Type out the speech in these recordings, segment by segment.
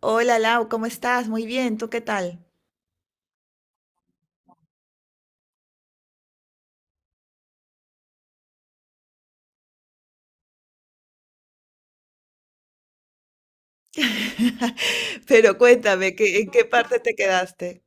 Hola Lau, ¿cómo estás? Muy bien, ¿tú qué tal? Pero cuéntame, en qué parte te quedaste?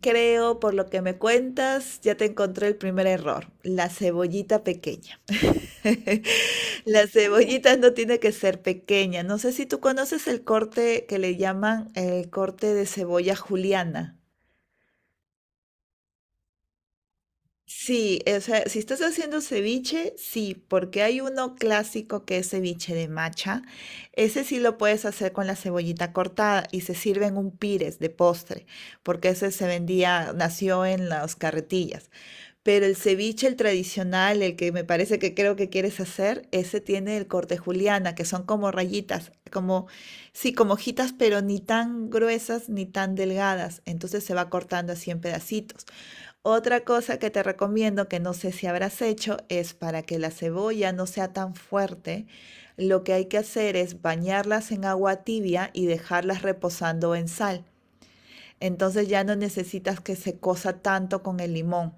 Creo, por lo que me cuentas, ya te encontré el primer error, la cebollita pequeña. La cebollita no tiene que ser pequeña. No sé si tú conoces el corte que le llaman el corte de cebolla juliana. Sí, o sea, si estás haciendo ceviche, sí, porque hay uno clásico que es ceviche de macha. Ese sí lo puedes hacer con la cebollita cortada y se sirve en un pires de postre, porque ese se vendía, nació en las carretillas. Pero el ceviche, el tradicional, el que me parece que creo que quieres hacer, ese tiene el corte juliana, que son como rayitas, como, sí, como hojitas, pero ni tan gruesas ni tan delgadas. Entonces se va cortando así en pedacitos. Otra cosa que te recomiendo, que no sé si habrás hecho, es para que la cebolla no sea tan fuerte, lo que hay que hacer es bañarlas en agua tibia y dejarlas reposando en sal. Entonces ya no necesitas que se cosa tanto con el limón.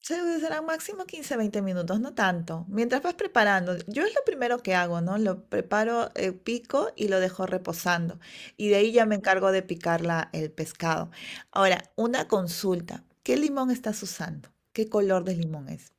Sí, serán máximo 15 20 minutos, no tanto. Mientras vas preparando, yo es lo primero que hago, ¿no? Lo preparo, pico y lo dejo reposando. Y de ahí ya me encargo de picar el pescado. Ahora, una consulta. ¿Qué limón estás usando? ¿Qué color de limón es?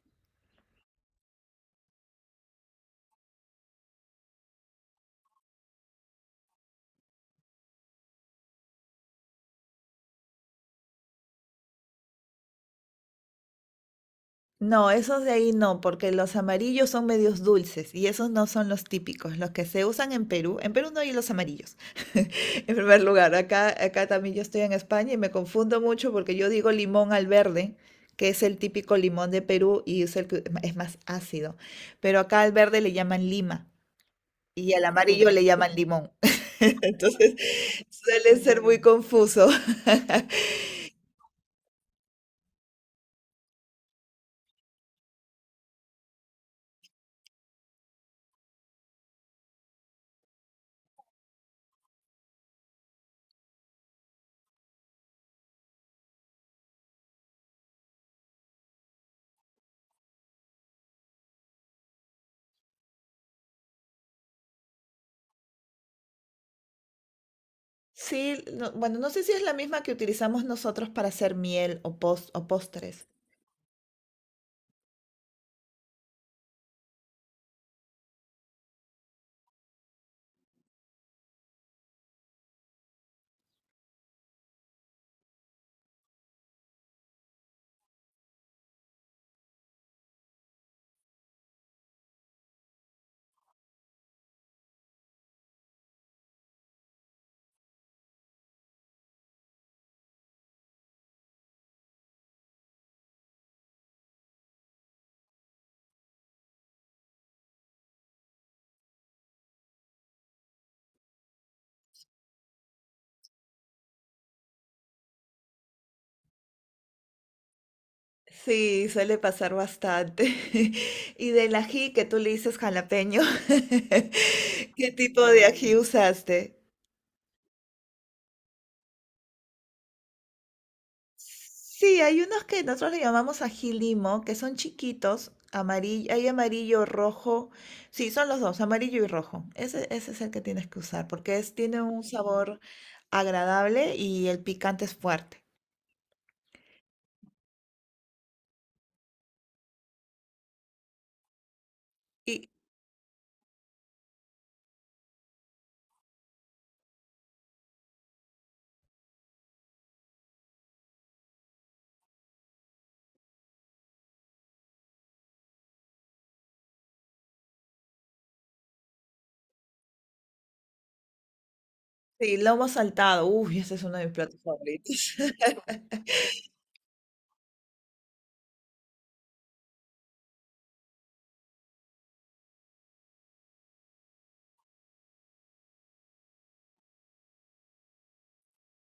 No, esos de ahí no, porque los amarillos son medios dulces y esos no son los típicos, los que se usan en Perú. En Perú no hay los amarillos, en primer lugar. Acá también yo estoy en España y me confundo mucho porque yo digo limón al verde, que es el típico limón de Perú y es el que es más ácido. Pero acá al verde le llaman lima y al amarillo le llaman limón. Entonces suele ser muy confuso. Sí, bueno, no sé si es la misma que utilizamos nosotros para hacer miel o, o postres. Sí, suele pasar bastante. Y del ají que tú le dices jalapeño, ¿qué tipo de ají usaste? Sí, hay unos que nosotros le llamamos ají limo, que son chiquitos, amarillo, hay amarillo, rojo. Sí, son los dos, amarillo y rojo. Ese es el que tienes que usar, porque es, tiene un sabor agradable y el picante es fuerte. Y sí, lomo saltado, uy, ese es uno de mis platos favoritos.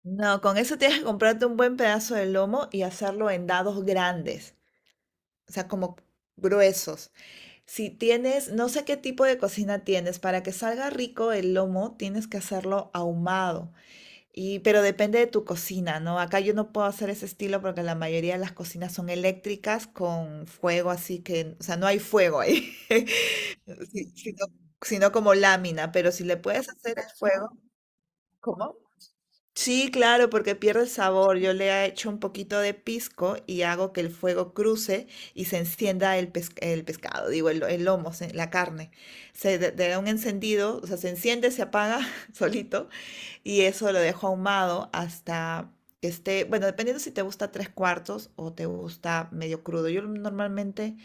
No, con eso tienes que comprarte un buen pedazo de lomo y hacerlo en dados grandes, o sea, como gruesos. Si tienes, no sé qué tipo de cocina tienes, para que salga rico el lomo, tienes que hacerlo ahumado. Y, pero depende de tu cocina, ¿no? Acá yo no puedo hacer ese estilo porque la mayoría de las cocinas son eléctricas con fuego, así que, o sea, no hay fuego ahí, si- sino, sino como lámina, pero si le puedes hacer el fuego, ¿cómo? Sí, claro, porque pierde el sabor. Yo le echo un poquito de pisco y hago que el fuego cruce y se encienda el pescado, digo, el lomo, la carne. Le da un encendido, o sea, se enciende, se apaga solito y eso lo dejo ahumado hasta que esté, bueno, dependiendo si te gusta tres cuartos o te gusta medio crudo. Yo normalmente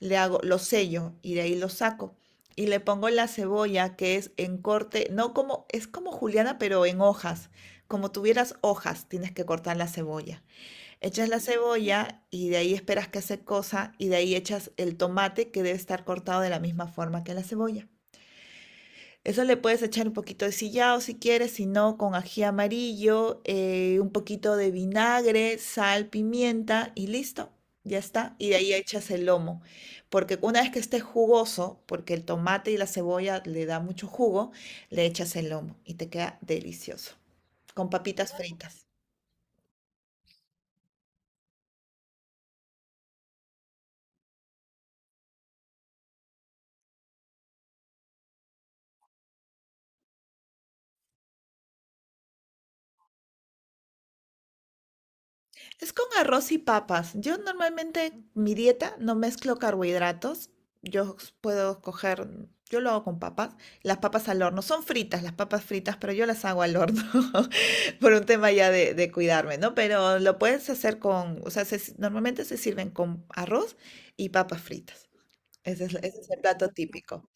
le hago, lo sello y de ahí lo saco. Y le pongo la cebolla, que es en corte, no como, es como juliana, pero en hojas. Como tuvieras hojas, tienes que cortar la cebolla. Echas la cebolla y de ahí esperas que se cosa y de ahí echas el tomate que debe estar cortado de la misma forma que la cebolla. Eso le puedes echar un poquito de sillao si quieres, si no, con ají amarillo, un poquito de vinagre, sal, pimienta y listo. Ya está. Y de ahí echas el lomo. Porque una vez que esté jugoso, porque el tomate y la cebolla le da mucho jugo, le echas el lomo y te queda delicioso. Con papitas fritas. Es con arroz y papas. Yo normalmente mi dieta no mezclo carbohidratos. Yo puedo coger, yo lo hago con papas. Las papas al horno, son fritas las papas fritas, pero yo las hago al horno por un tema ya de cuidarme, ¿no? Pero lo puedes hacer con, o sea, se normalmente se sirven con arroz y papas fritas. Ese es el plato típico.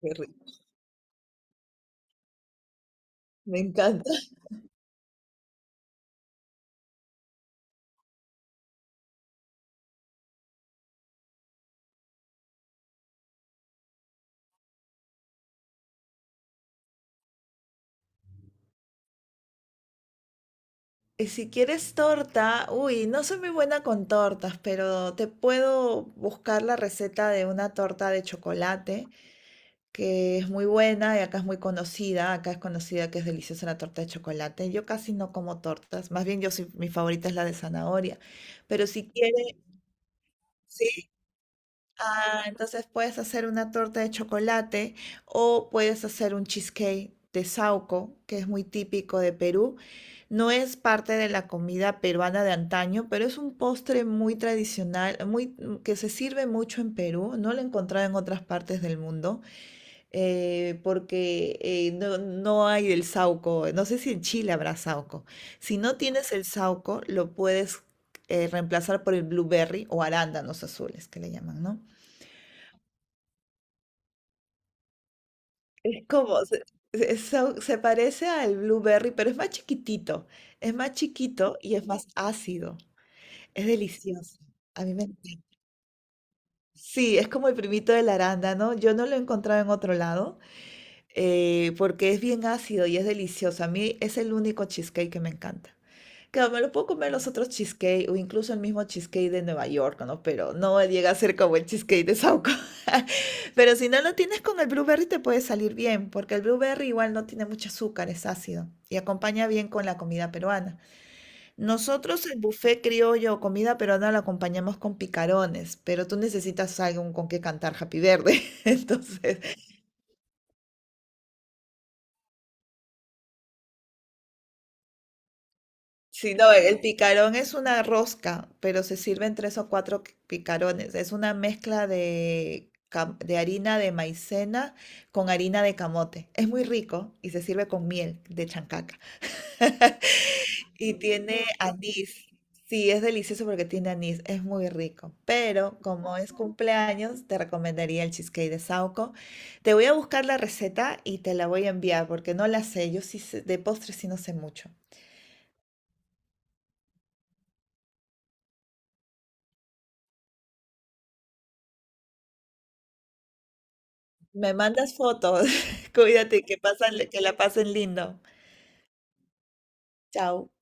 Qué rico. Me encanta. Y si quieres torta, uy, no soy muy buena con tortas, pero te puedo buscar la receta de una torta de chocolate, que es muy buena y acá es muy conocida. Acá es conocida que es deliciosa la torta de chocolate. Yo casi no como tortas, más bien yo soy, mi favorita es la de zanahoria. Pero si quieres, sí, ah, entonces puedes hacer una torta de chocolate o puedes hacer un cheesecake de saúco, que es muy típico de Perú. No es parte de la comida peruana de antaño, pero es un postre muy tradicional, muy, que se sirve mucho en Perú. No lo he encontrado en otras partes del mundo, porque no, no hay el saúco. No sé si en Chile habrá saúco. Si no tienes el saúco, lo puedes reemplazar por el blueberry o arándanos azules, que le llaman, ¿no? Es como, se parece al blueberry, pero es más chiquitito. Es más chiquito y es más ácido. Es delicioso. A mí me encanta. Sí, es como el primito del arándano. Yo no lo he encontrado en otro lado porque es bien ácido y es delicioso. A mí es el único cheesecake que me encanta. Claro, me lo puedo comer los otros cheesecake o incluso el mismo cheesecake de Nueva York, ¿no? Pero no llega a ser como el cheesecake de Sauco. Pero si no lo tienes con el blueberry te puede salir bien, porque el blueberry igual no tiene mucho azúcar, es ácido y acompaña bien con la comida peruana. Nosotros el buffet criollo o comida peruana lo acompañamos con picarones, pero tú necesitas algo con que cantar Happy Verde. Entonces, sí, no, el picarón es una rosca, pero se sirven tres o cuatro picarones. Es una mezcla de harina de maicena con harina de camote. Es muy rico y se sirve con miel de chancaca. Y tiene anís. Sí, es delicioso porque tiene anís. Es muy rico. Pero como es cumpleaños, te recomendaría el cheesecake de Sauco. Te voy a buscar la receta y te la voy a enviar porque no la sé. Yo de postres sí no sé mucho. Me mandas fotos. Cuídate, que la pasen lindo. Chao.